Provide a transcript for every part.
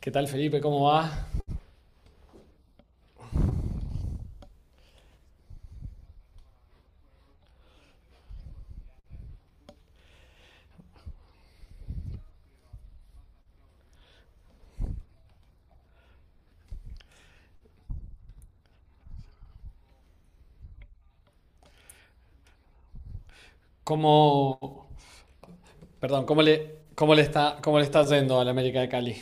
¿Qué tal, Felipe? ¿Cómo va? ¿Cómo, perdón, cómo le está yendo al América de Cali?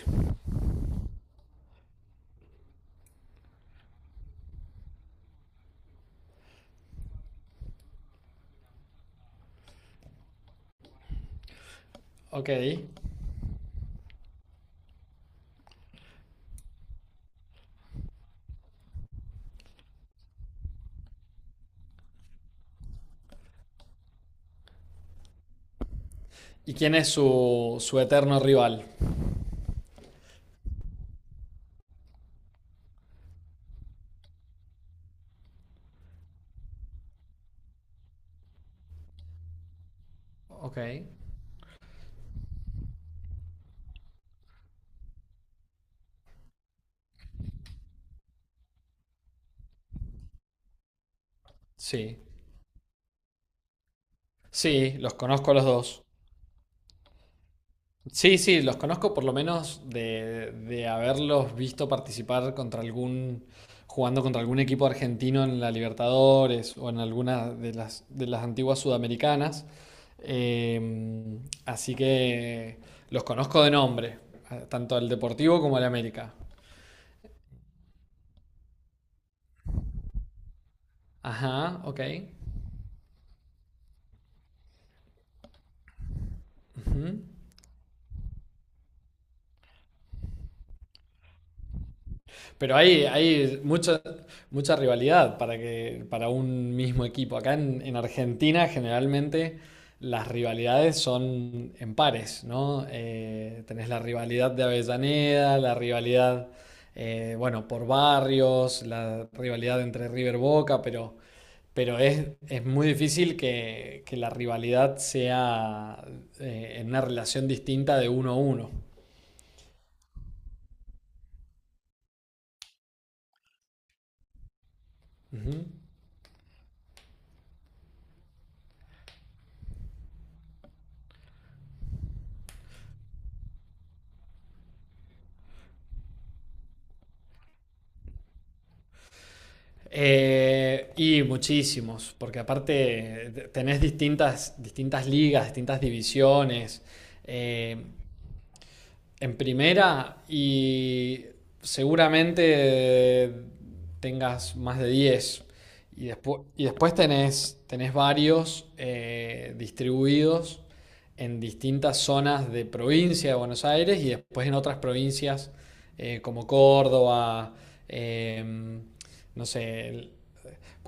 Ok. ¿Y quién es su eterno rival? Ok. Sí. Sí, los conozco a los dos. Sí, sí, los conozco por lo menos de haberlos visto jugando contra algún equipo argentino en la Libertadores o en alguna de las antiguas sudamericanas. Eh, Así que los conozco de nombre, tanto al Deportivo como al América. Ajá, ok. Ujú. Pero hay mucha rivalidad para que, para un mismo equipo. Acá en Argentina generalmente las rivalidades son en pares, ¿no? Tenés la rivalidad de Avellaneda, por barrios, la rivalidad entre River Boca, pero, es muy difícil que la rivalidad sea en una relación distinta de uno a uno. Ujú. Y muchísimos, porque aparte tenés distintas ligas, distintas divisiones. Eh, en primera y seguramente tengas más de diez. Y y después tenés, tenés varios distribuidos en distintas zonas de provincia de Buenos Aires y después en otras provincias como Córdoba, em, no sé.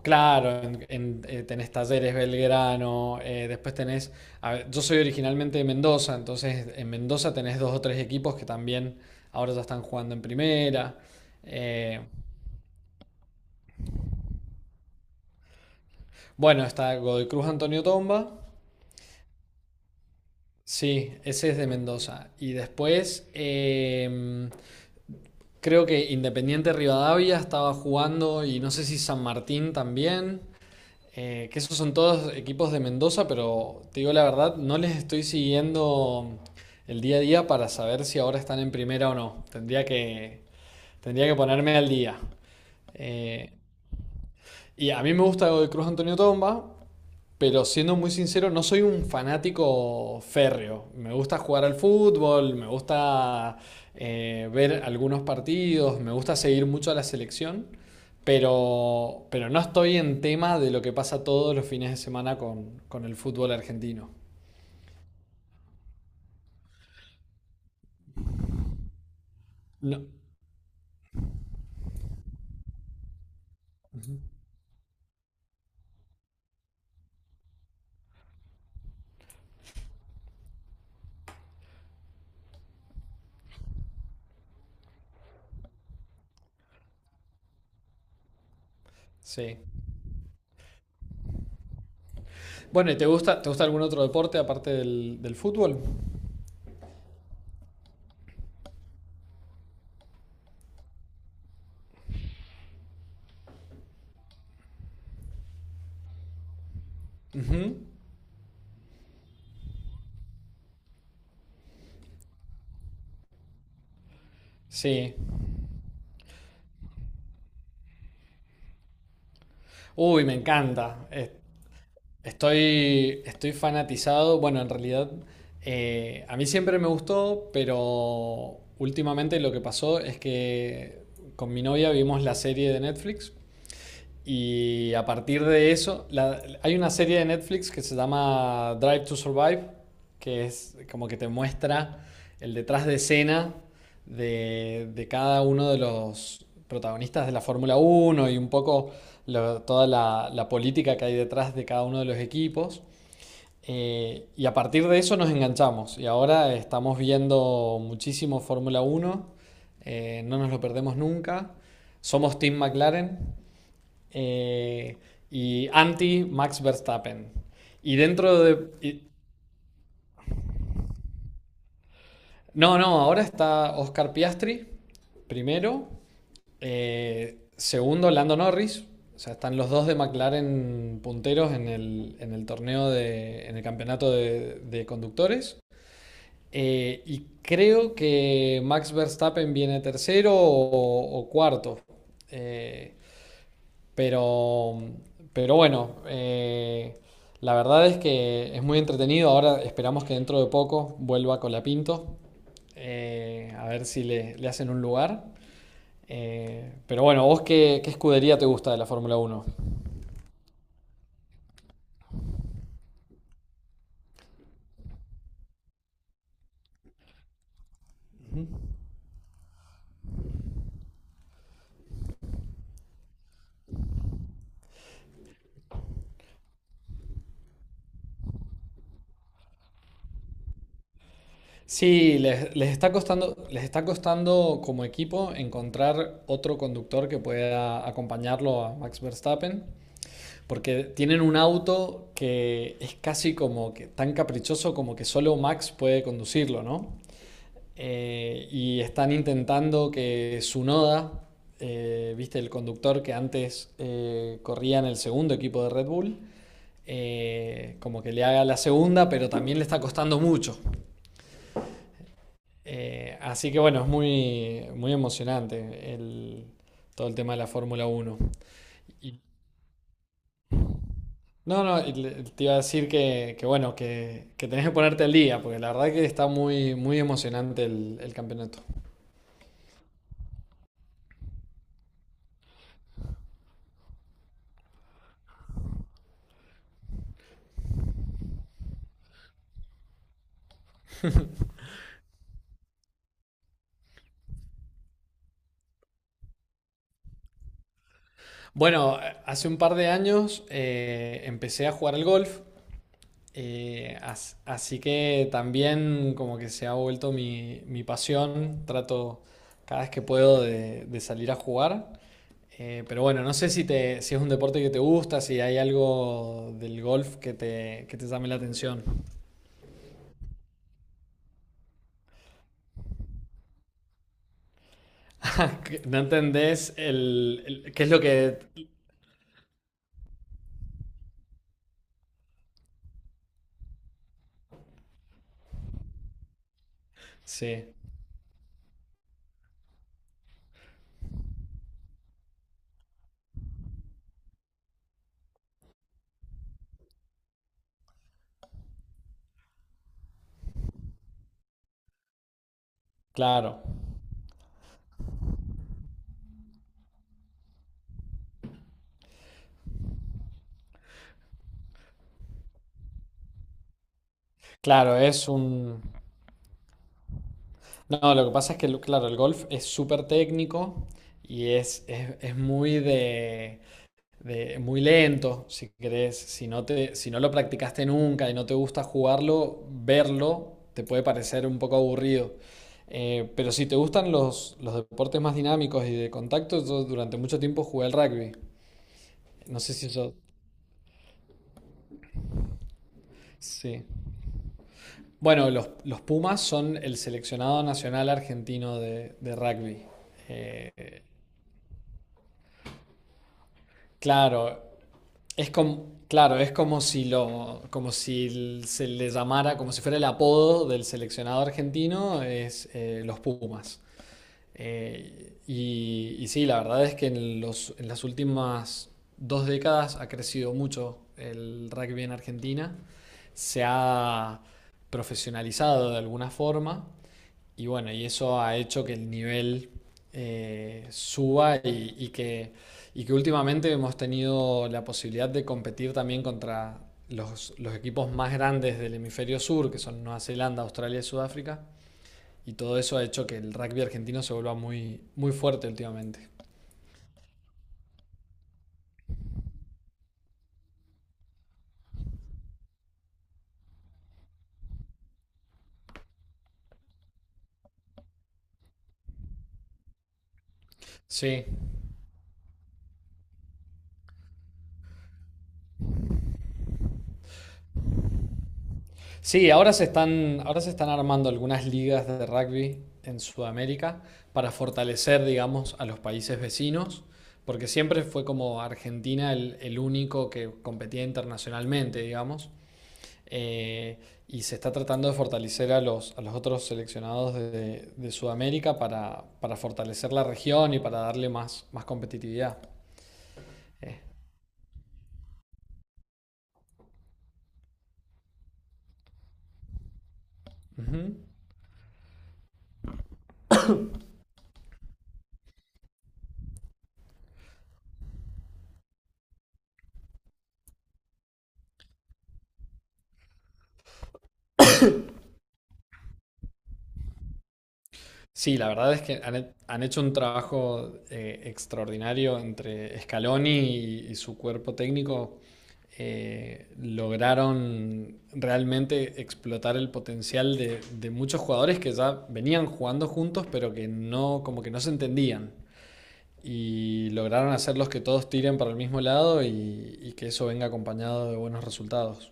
Claro, tenés Talleres Belgrano, después tenés, a ver, yo soy originalmente de Mendoza, entonces en Mendoza tenés dos o tres equipos que también ahora ya están jugando en primera. Eh, bueno, está Godoy Cruz Antonio Tomba. Sí, ese es de Mendoza. Y después creo que Independiente Rivadavia estaba jugando y no sé si San Martín también. Que esos son todos equipos de Mendoza, pero te digo la verdad, no les estoy siguiendo el día a día para saber si ahora están en primera o no. Tendría que ponerme al día. Eh, y a mí me gusta de Cruz Antonio Tomba, pero siendo muy sincero, no soy un fanático férreo. Me gusta jugar al fútbol, me gusta ver algunos partidos, me gusta seguir mucho a la selección, pero no estoy en tema de lo que pasa todos los fines de semana con el fútbol argentino. No. Sí. Bueno, ¿y te gusta algún otro deporte aparte del fútbol? Ujú. Sí. Uy, me encanta. Estoy, estoy fanatizado. Bueno, en realidad a mí siempre me gustó, pero últimamente lo que pasó es que con mi novia vimos la serie de Netflix y a partir de eso, hay una serie de Netflix que se llama Drive to Survive, que es como que te muestra el detrás de escena de cada uno de los protagonistas de la Fórmula Uno y un poco toda la política que hay detrás de cada uno de los equipos. Y a partir de eso nos enganchamos y ahora estamos viendo muchísimo Fórmula Uno, no nos lo perdemos nunca. Somos Team McLaren, eh, y anti Max Verstappen. Y dentro de... y- no, no, ahora está Oscar Piastri, primero. Segundo, Lando Norris. O sea, están los dos de McLaren punteros en el torneo en el campeonato de conductores. Y creo que Max Verstappen viene tercero o cuarto. Eh, Pero, pero bueno, la verdad es que es muy entretenido. Ahora esperamos que dentro de poco vuelva Colapinto, a ver si le hacen un lugar. Pero bueno, ¿vos qué, qué escudería te gusta de la Fórmula uno? Sí, les está costando como equipo encontrar otro conductor que pueda acompañarlo a Max Verstappen. Porque tienen un auto que es casi como que tan caprichoso como que solo Max puede conducirlo, ¿no? Y están intentando que Sunoda, viste, el conductor que antes corría en el segundo equipo de Red Bull, como que le haga la segunda, pero también le está costando mucho. Así que bueno, es muy, muy emocionante todo el tema de la Fórmula Uno. Y no, no, te iba a decir que tenés que ponerte al día, porque la verdad que está muy, muy emocionante el campeonato. Bueno, hace un par de años empecé a jugar al golf, así que también como que se ha vuelto mi, mi pasión, trato cada vez que puedo de salir a jugar. Pero bueno, no sé si es un deporte que te gusta, si hay algo del golf que te llame la atención. ¿No entendés qué es lo que...? Sí, claro. Claro, es un... No, lo que pasa es que, claro, el golf es súper técnico y es, es muy muy lento, si querés. Si no te, si no lo practicaste nunca y no te gusta jugarlo, verlo te puede parecer un poco aburrido. Pero si te gustan los deportes más dinámicos y de contacto, yo durante mucho tiempo jugué al rugby. No sé si eso... Sí. Bueno, los Pumas son el seleccionado nacional argentino de rugby. Eh, claro, es como, claro, es como si lo, como si se le llamara, como si fuera el apodo del seleccionado argentino, es los Pumas. Y sí, la verdad es que en los, en las últimas dos décadas ha crecido mucho el rugby en Argentina. Se ha profesionalizado de alguna forma. Y bueno, y eso ha hecho que el nivel suba y que últimamente hemos tenido la posibilidad de competir también contra los equipos más grandes del hemisferio sur, que son Nueva Zelanda, Australia y Sudáfrica. Y todo eso ha hecho que el rugby argentino se vuelva muy, muy fuerte últimamente. Sí, sí, ahora se están armando algunas ligas de rugby en Sudamérica para fortalecer, digamos, a los países vecinos, porque siempre fue como Argentina el único que competía internacionalmente, digamos. eh, y se está tratando de fortalecer a los otros seleccionados de Sudamérica para fortalecer la región y para darle más, más competitividad. Ujú. Sí, la verdad es que han hecho un trabajo extraordinario entre Scaloni y su cuerpo técnico. Lograron realmente explotar el potencial de muchos jugadores que ya venían jugando juntos, pero que no, como que no se entendían. Y lograron hacerlos que todos tiren para el mismo lado y que eso venga acompañado de buenos resultados.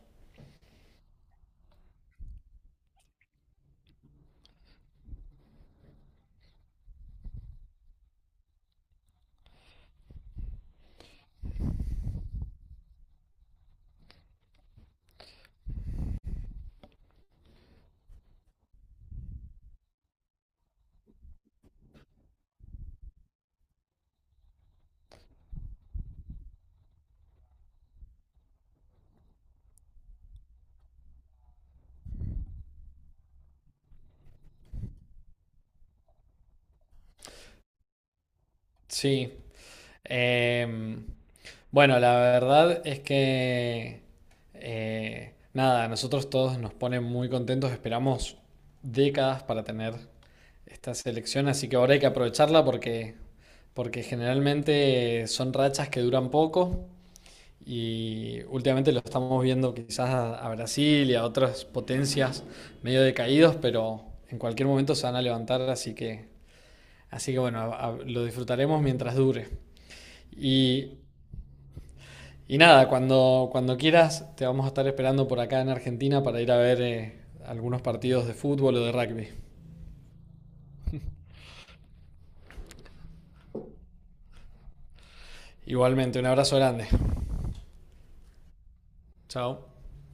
Sí. Em, bueno, la verdad es que nada, a nosotros todos nos ponen muy contentos, esperamos décadas para tener esta selección, así que ahora hay que aprovecharla, porque porque generalmente son rachas que duran poco y últimamente lo estamos viendo quizás a Brasil y a otras potencias medio decaídos, pero en cualquier momento se van a levantar, así que bueno, lo disfrutaremos mientras dure. Y, y nada, cuando, Cuando quieras, te vamos a estar esperando por acá en Argentina para ir a ver algunos partidos de fútbol o de rugby. Igualmente, un abrazo grande. Chao.